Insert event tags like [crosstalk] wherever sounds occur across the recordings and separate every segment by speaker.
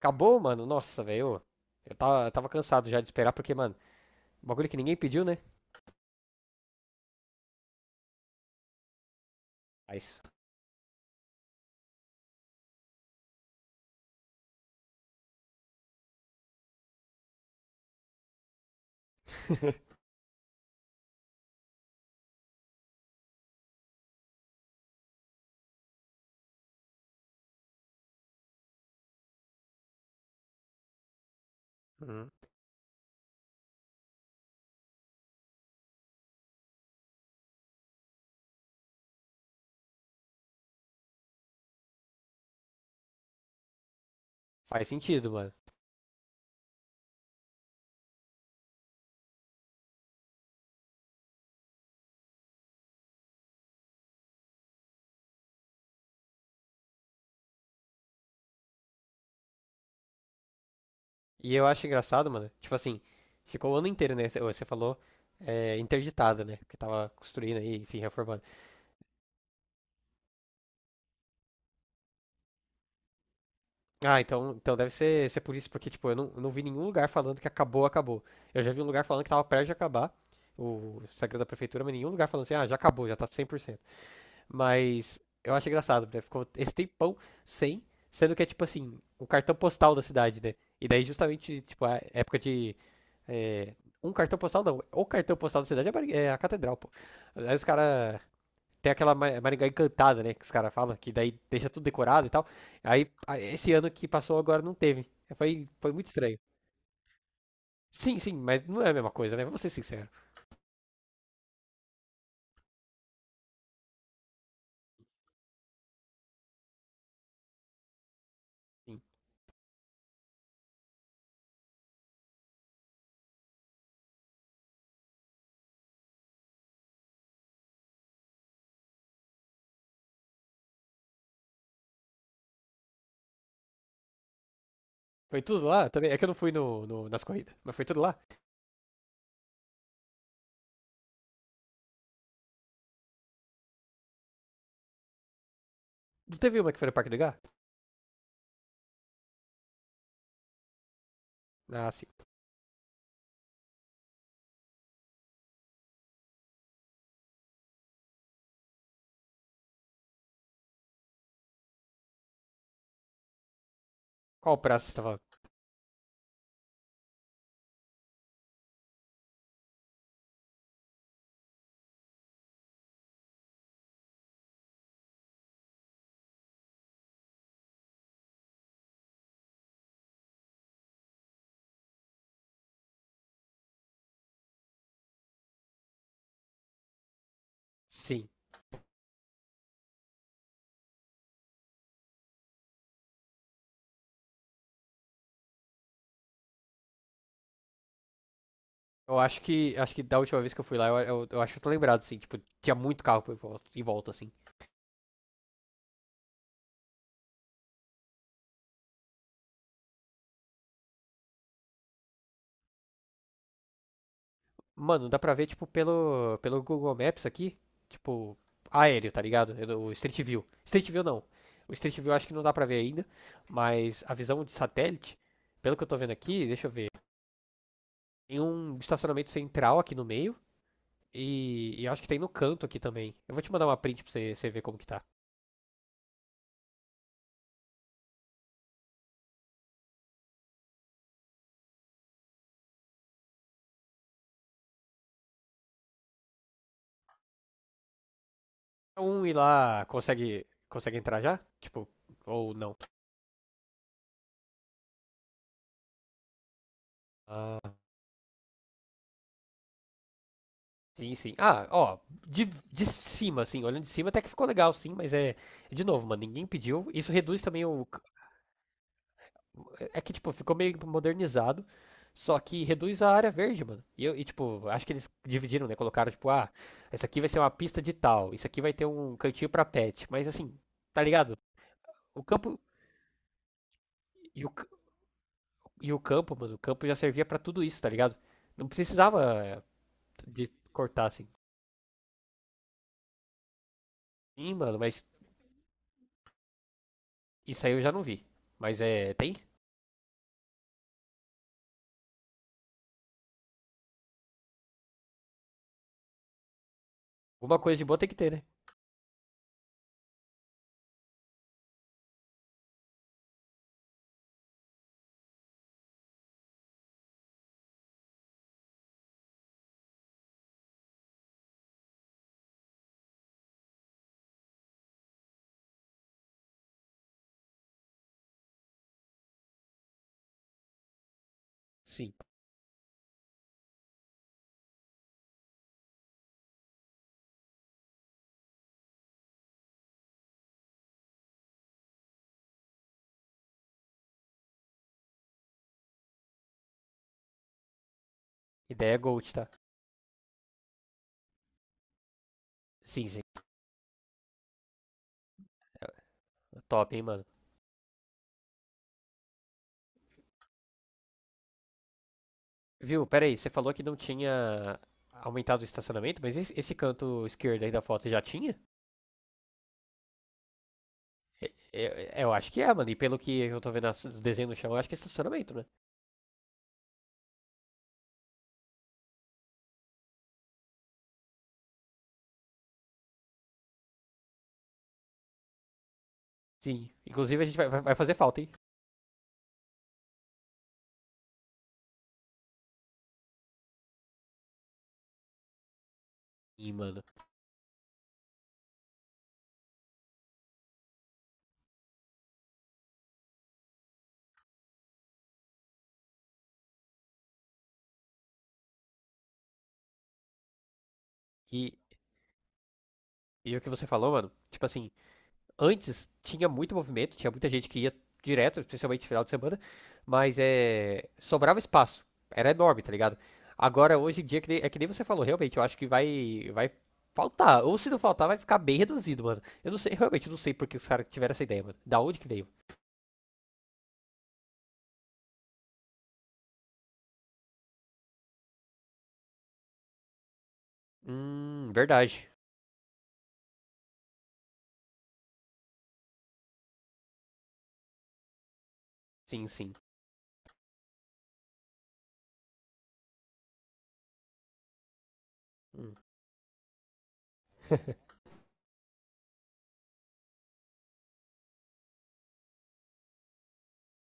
Speaker 1: Acabou, mano. Nossa, velho. Eu tava cansado já de esperar, porque, mano, bagulho que ninguém pediu, né? Mas [laughs] Uhum. Faz sentido, mano. E eu acho engraçado, mano. Tipo assim, ficou o ano inteiro, né? Você falou interditada, né? Porque tava construindo aí, enfim, reformando. Ah, então deve ser por isso, porque, tipo, eu não vi nenhum lugar falando que acabou. Eu já vi um lugar falando que tava perto de acabar, o Instagram da prefeitura, mas nenhum lugar falando assim, ah, já acabou, já tá 100%. Mas eu acho engraçado, né? Ficou esse tempão sem, sendo que é tipo assim, o cartão postal da cidade, né? E daí justamente, tipo, a época de. é, Um cartão postal não. O cartão postal da cidade é a é a catedral, pô. Aí os caras. Tem aquela Maringá encantada, né? Que os caras falam, que daí deixa tudo decorado e tal. Aí, esse ano que passou agora não teve. Foi, foi muito estranho. Sim, sim, mas não é a mesma coisa, né? Vamos ser sinceros. Sim. Foi tudo lá também. É que eu não fui nas corridas, mas foi tudo lá. Não teve uma que foi no Parque do Gá? Ah, sim. Qual praça você tava? Sim. Eu acho que. Acho que da última vez que eu fui lá, eu acho que eu tô lembrado, assim. Tipo, tinha muito carro em volta, assim. Mano, dá pra ver, tipo, pelo Google Maps aqui. Tipo, aéreo, tá ligado? O Street View. Street View não. O Street View acho que não dá pra ver ainda. Mas a visão de satélite, pelo que eu tô vendo aqui, deixa eu ver. Tem um estacionamento central aqui no meio. E eu acho que tem no canto aqui também. Eu vou te mandar uma print pra você, você ver como que tá. Um ir lá consegue, consegue entrar já? Tipo, ou não? Ah, sim, sim. Ah, ó, de, de cima, assim, olhando de cima até que ficou legal, sim, mas é, é de novo, mano, ninguém pediu. Isso reduz também o. É que, tipo, ficou meio modernizado, só que reduz a área verde, mano. E, e, tipo, acho que eles dividiram, né? Colocaram, tipo, ah, essa aqui vai ser uma pista de tal, isso aqui vai ter um cantinho pra pet, mas assim, tá ligado? O campo. E o, c- e o campo, mano, o campo já servia pra tudo isso, tá ligado? Não precisava de cortar assim. Sim, mano, mas isso aí eu já não vi. Mas é. Tem? Alguma coisa de boa tem que ter, né? Sim. Ideia é Gold, tá? Sim, sim. É Top, hein, mano. Viu? Pera aí, você falou que não tinha aumentado o estacionamento, mas esse canto esquerdo aí da foto já tinha? É, eu acho que é, mano. E pelo que eu tô vendo o desenho no chão, eu acho que é estacionamento, né? Sim. Inclusive a gente vai, vai fazer falta, hein? Sim, mano. E, e o que você falou, mano? Tipo assim, antes tinha muito movimento, tinha muita gente que ia direto, principalmente no final de semana, mas é, sobrava espaço. Era enorme, tá ligado? Agora, hoje em dia, que nem- é que nem você falou, realmente, eu acho que vai faltar. Ou se não faltar, vai ficar bem reduzido, mano. Eu não sei, realmente, eu não sei por que os caras tiveram essa ideia, mano. Da onde que veio? Verdade. Sim, sim. Hum. [laughs]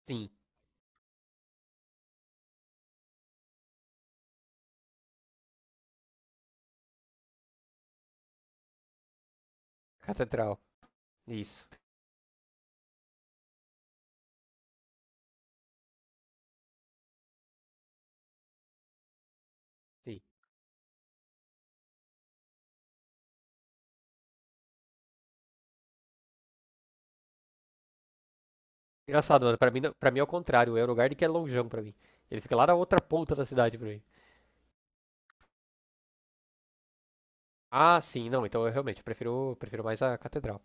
Speaker 1: Sim, catedral. Isso. Sim. Engraçado, mano. Pra mim, não- Pra mim é o contrário. É o lugar de que é longeão pra mim. Ele fica lá na outra ponta da cidade pra mim. Ah, sim, não, então eu realmente prefiro, prefiro mais a catedral.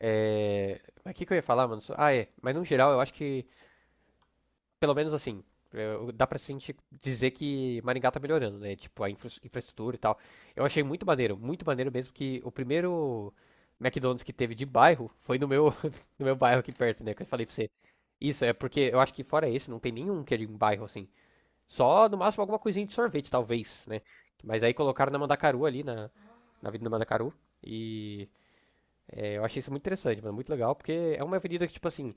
Speaker 1: É... Mas o que, que eu ia falar, mano? Ah, é, mas no geral eu acho que, pelo menos assim, dá pra gente dizer que Maringá tá melhorando, né? Tipo, a infraestrutura e tal. Eu achei muito maneiro mesmo que o primeiro McDonald's que teve de bairro foi no meu, [laughs] no meu bairro aqui perto, né? Que eu falei pra você. Isso, é porque eu acho que fora esse não tem nenhum que é de um bairro assim. Só no máximo alguma coisinha de sorvete, talvez, né? Mas aí colocaram na Mandacaru ali, na Avenida Mandacaru. E é, eu achei isso muito interessante, mano, muito legal, porque é uma avenida que, tipo assim,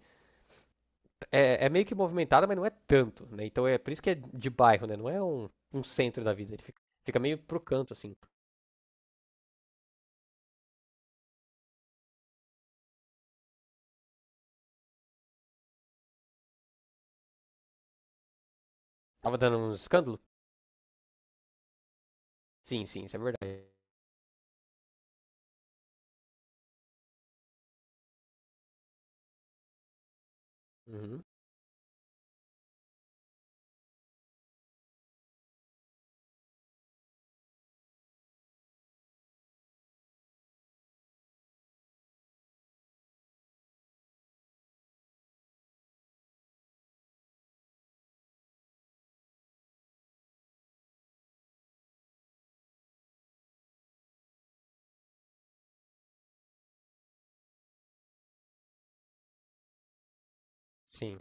Speaker 1: é, é meio que movimentada, mas não é tanto, né? Então é por isso que é de bairro, né? Não é um, um centro da vida, ele fica, fica meio pro canto, assim. Tava dando uns escândalo? Sim, sim, isso é verdade. Uhum, sim,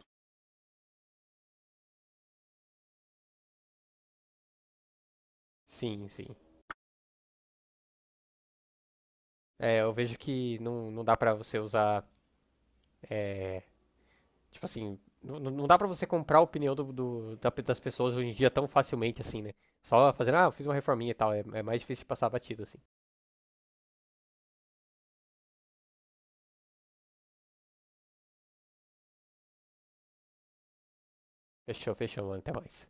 Speaker 1: sim, sim. É, eu vejo que não dá pra você usar, é, tipo assim, não dá pra você comprar a opinião das pessoas hoje em dia tão facilmente, assim, né? Só fazendo, ah, eu fiz uma reforminha e tal, é mais difícil de passar batido, assim. Fechou, fechou, mano, até mais.